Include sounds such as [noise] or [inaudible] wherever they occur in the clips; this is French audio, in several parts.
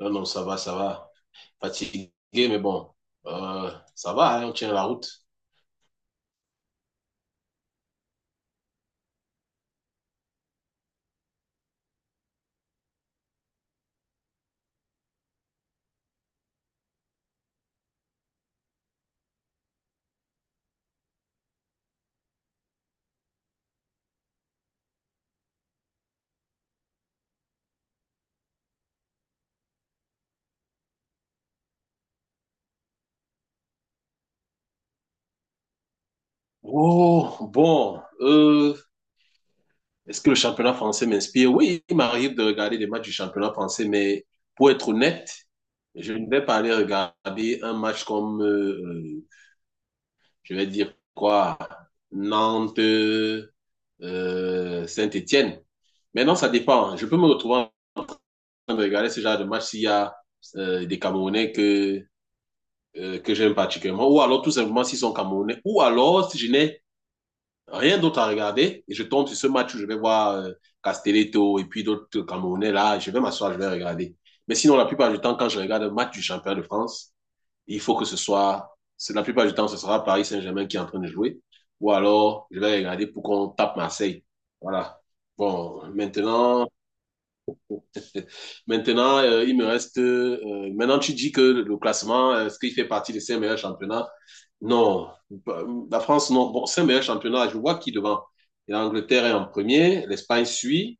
Non, non, ça va, ça va. Fatigué, mais bon, ça va, hein, on tient la route. Oh, bon, est-ce que le championnat français m'inspire? Oui, il m'arrive de regarder des matchs du championnat français, mais pour être honnête, je ne vais pas aller regarder un match comme, je vais dire quoi, Nantes, Saint-Étienne. Maintenant, ça dépend. Je peux me retrouver en train de regarder ce genre de match s'il y a des Camerounais que j'aime particulièrement, ou alors tout simplement s'ils sont camerounais, ou alors si je n'ai rien d'autre à regarder et je tombe sur ce match où je vais voir Castelletto et puis d'autres camerounais là, je vais m'asseoir, je vais regarder. Mais sinon, la plupart du temps, quand je regarde un match du championnat de France, il faut que ce soit, la plupart du temps, ce sera Paris Saint-Germain qui est en train de jouer, ou alors je vais regarder pour qu'on tape Marseille. Voilà. Bon, maintenant, [laughs] maintenant, il me reste. Maintenant, tu dis que le classement, est-ce qu'il fait partie des cinq meilleurs championnats? Non, bah, la France, non. Bon, c'est un meilleur championnat. Je vois qui devant. Et l'Angleterre est en premier, l'Espagne suit.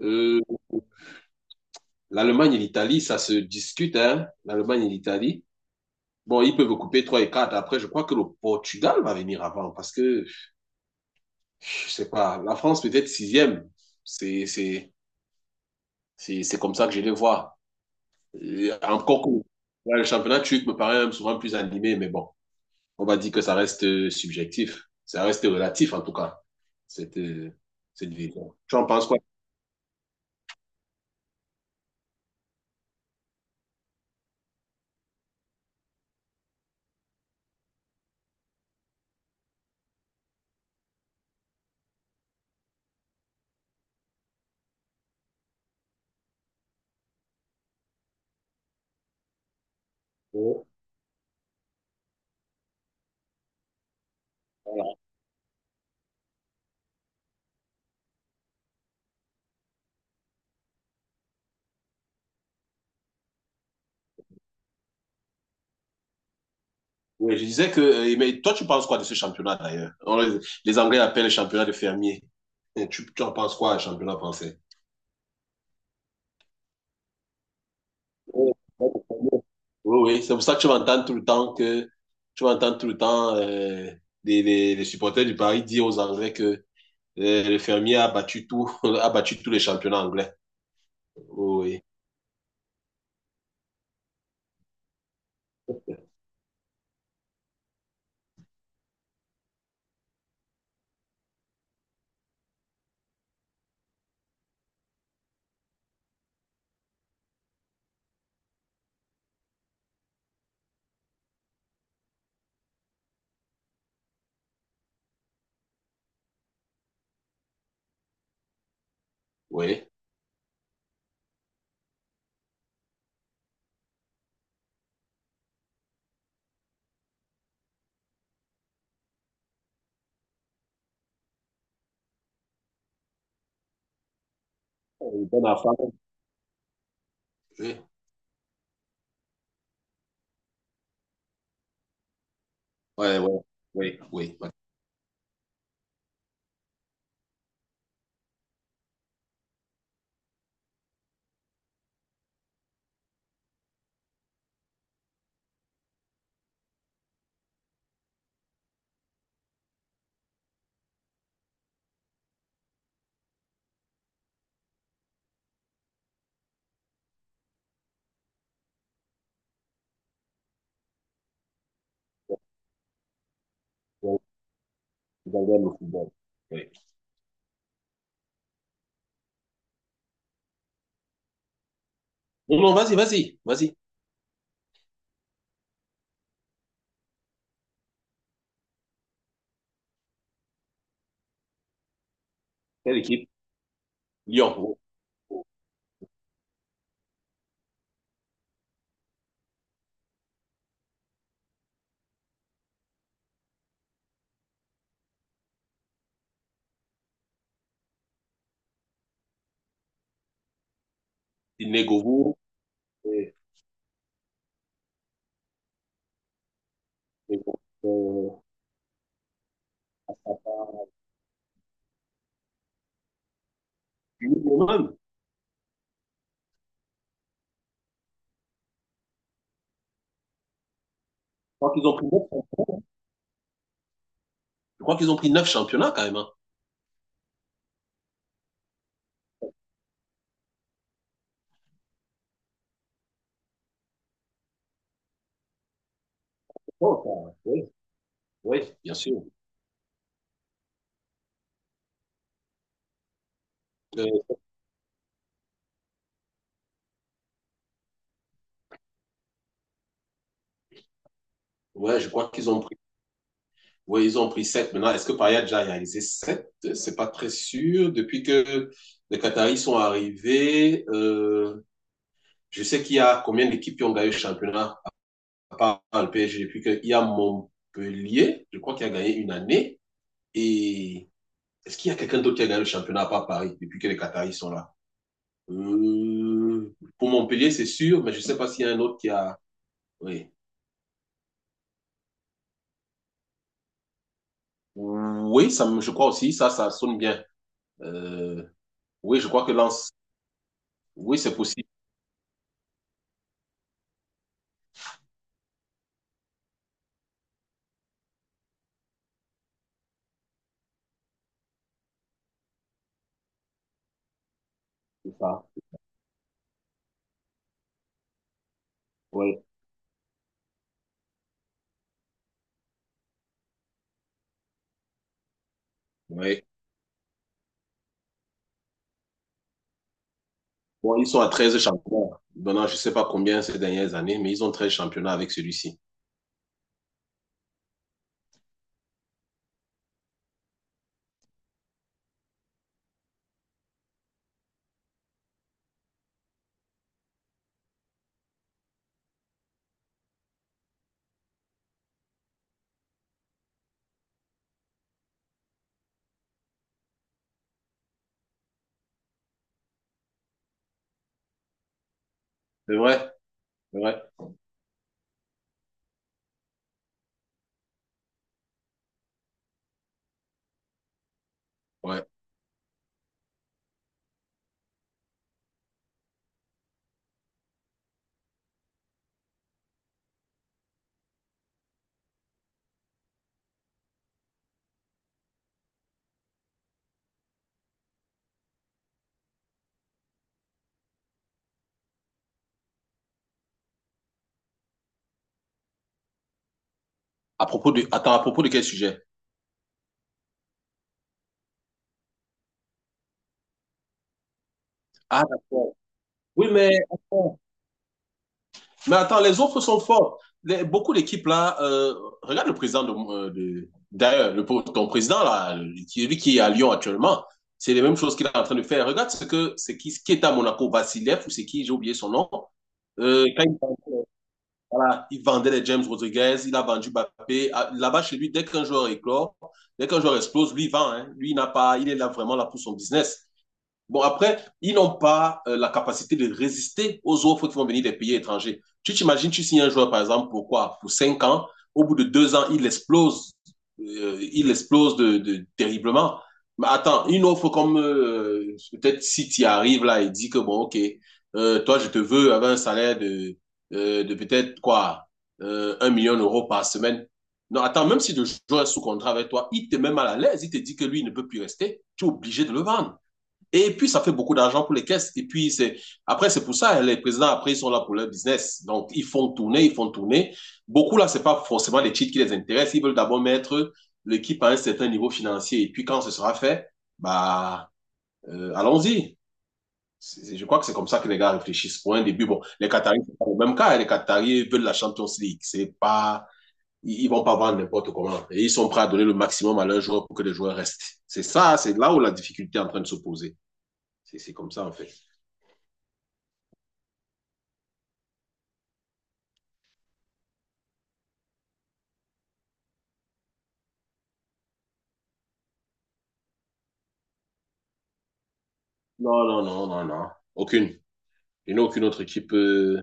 Euh, L'Allemagne et l'Italie, ça se discute, hein. L'Allemagne et l'Italie. Bon, ils peuvent couper 3 et 4. Après, je crois que le Portugal va venir avant parce que, je sais pas, la France peut-être sixième. C'est, c'est, c'est comme ça que je les vois. Et encore que ouais, le championnat turc me paraît souvent plus animé, mais bon, on va dire que ça reste subjectif. Ça reste relatif, en tout cas, cette, euh, cette vision. Tu en penses quoi? Voilà. Oui, je disais que, mais toi, tu penses quoi de ce championnat d'ailleurs? Les Anglais appellent le championnat de fermier. Et tu en penses quoi, le championnat français? Oui, oui, c'est pour ça que tu vas entendre tout le temps les supporters du Paris dire aux Anglais que le fermier a battu tout, [laughs] a battu tous les championnats anglais. Oui, oui. Une bonne affaire. Oui. Ouais, ouais, oui, oui, parce que je regarde le football. Oui. Non, non, vas-y, vas-y, vas-y. Quelle équipe? Lyon. Vous, Sydney, euh, Union Berlin. Je crois qu'ils ont pris neuf, je crois qu'ils ont pris neuf championnats quand même, hein. Bien sûr. que- ouais, je crois qu'ils ont pris. Ouais, ils ont pris sept. Maintenant, est-ce que Paris a déjà réalisé sept? C'est pas très sûr. Depuis que les Qataris sont arrivés, je sais qu'il y a combien d'équipes qui ont gagné le championnat? Pas le PSG. Depuis qu'il y a Montpellier, je crois qu'il a gagné une année. Et est-ce qu'il y a quelqu'un d'autre qui a gagné le championnat à part Paris depuis que les Qataris sont là euh, Pour Montpellier, c'est sûr, mais je ne sais pas s'il y a un autre qui a. Oui, oui ça, je crois aussi, ça sonne bien. Euh, oui, je crois que Lens. Oui, c'est possible. C'est ça. Oui. Oui. Bon, ils sont à 13 championnats. Maintenant, je ne sais pas combien ces dernières années, mais ils ont 13 championnats avec celui-ci. C'est vrai, c'est vrai. Ouais. À propos de... Attends, à propos de quel sujet? Ah, d'accord. Oui, mais... Mais attends, les offres sont fortes. Beaucoup d'équipes là, regarde le président d'ailleurs, ton président là, qui- lui qui est à Lyon actuellement, c'est les mêmes choses qu'il est en train de faire. Regarde ce que c'est qui est à Monaco, Vassilev ou c'est qui, j'ai oublié son nom. Quand il, vendait, voilà, il vendait les James Rodriguez, il a vendu Mbappé. Ah, là-bas chez lui, dès qu'un joueur éclore, dès qu'un joueur explose, lui il vend, hein. Lui il n'a pas, il est là vraiment là pour son business. Bon, après, ils n'ont pas la capacité de résister aux offres qui vont venir des pays étrangers. Tu t'imagines, tu signes un joueur, par exemple, pour quoi? Pour 5 ans. Au bout de 2 ans, il explose. Il explose terriblement. Mais attends, une offre comme peut-être si tu arrives là et dis que bon, ok, toi, je te veux avec un salaire de peut-être quoi? Un million d'euros par semaine. Non, attends, même si le joueur est sous contrat avec toi, il te met mal à l'aise. Il te dit que lui, il ne peut plus rester. Tu es obligé de le vendre. Et puis, ça fait beaucoup d'argent pour les caisses. Et puis, c'est, après, c'est pour ça, les présidents, après, ils sont là pour leur business. Donc, ils font tourner, ils font tourner. Beaucoup, là, c'est pas forcément les titres qui les intéressent. Ils veulent d'abord mettre l'équipe à un certain niveau financier. Et puis, quand ce sera fait, bah, allons-y. Je crois que c'est comme ça que les gars réfléchissent. Pour un début, bon, les Qataris, c'est pas le même cas. Les Qataris veulent la Champions League. C'est pas, ils vont pas vendre n'importe comment. Et ils sont prêts à donner le maximum à leurs joueurs pour que les joueurs restent. C'est ça, c'est là où la difficulté est en train de se poser. C'est comme ça, en fait. Non, non, non, non, non. Aucune. Il n'y a aucune autre équipe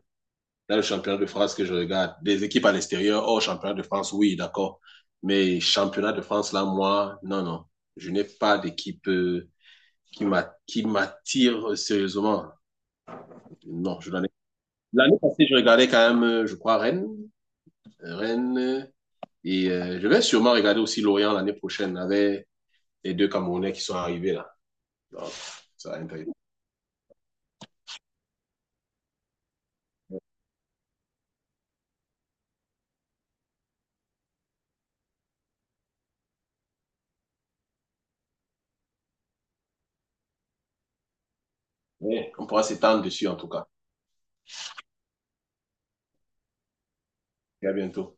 dans le championnat de France que je regarde. Des équipes à l'extérieur, hors championnat de France, oui, d'accord. Mais championnat de France, là, moi, non, non. Je n'ai pas d'équipe qui m'attire sérieusement. Non, je n'en ai- L'année passée, je regardais quand même, je crois, Rennes. Rennes, et je vais sûrement regarder aussi Lorient l'année prochaine avec les deux Camerounais qui sont arrivés là. Donc, ça va être... on pourra s'étendre dessus en tout cas. Et à bientôt.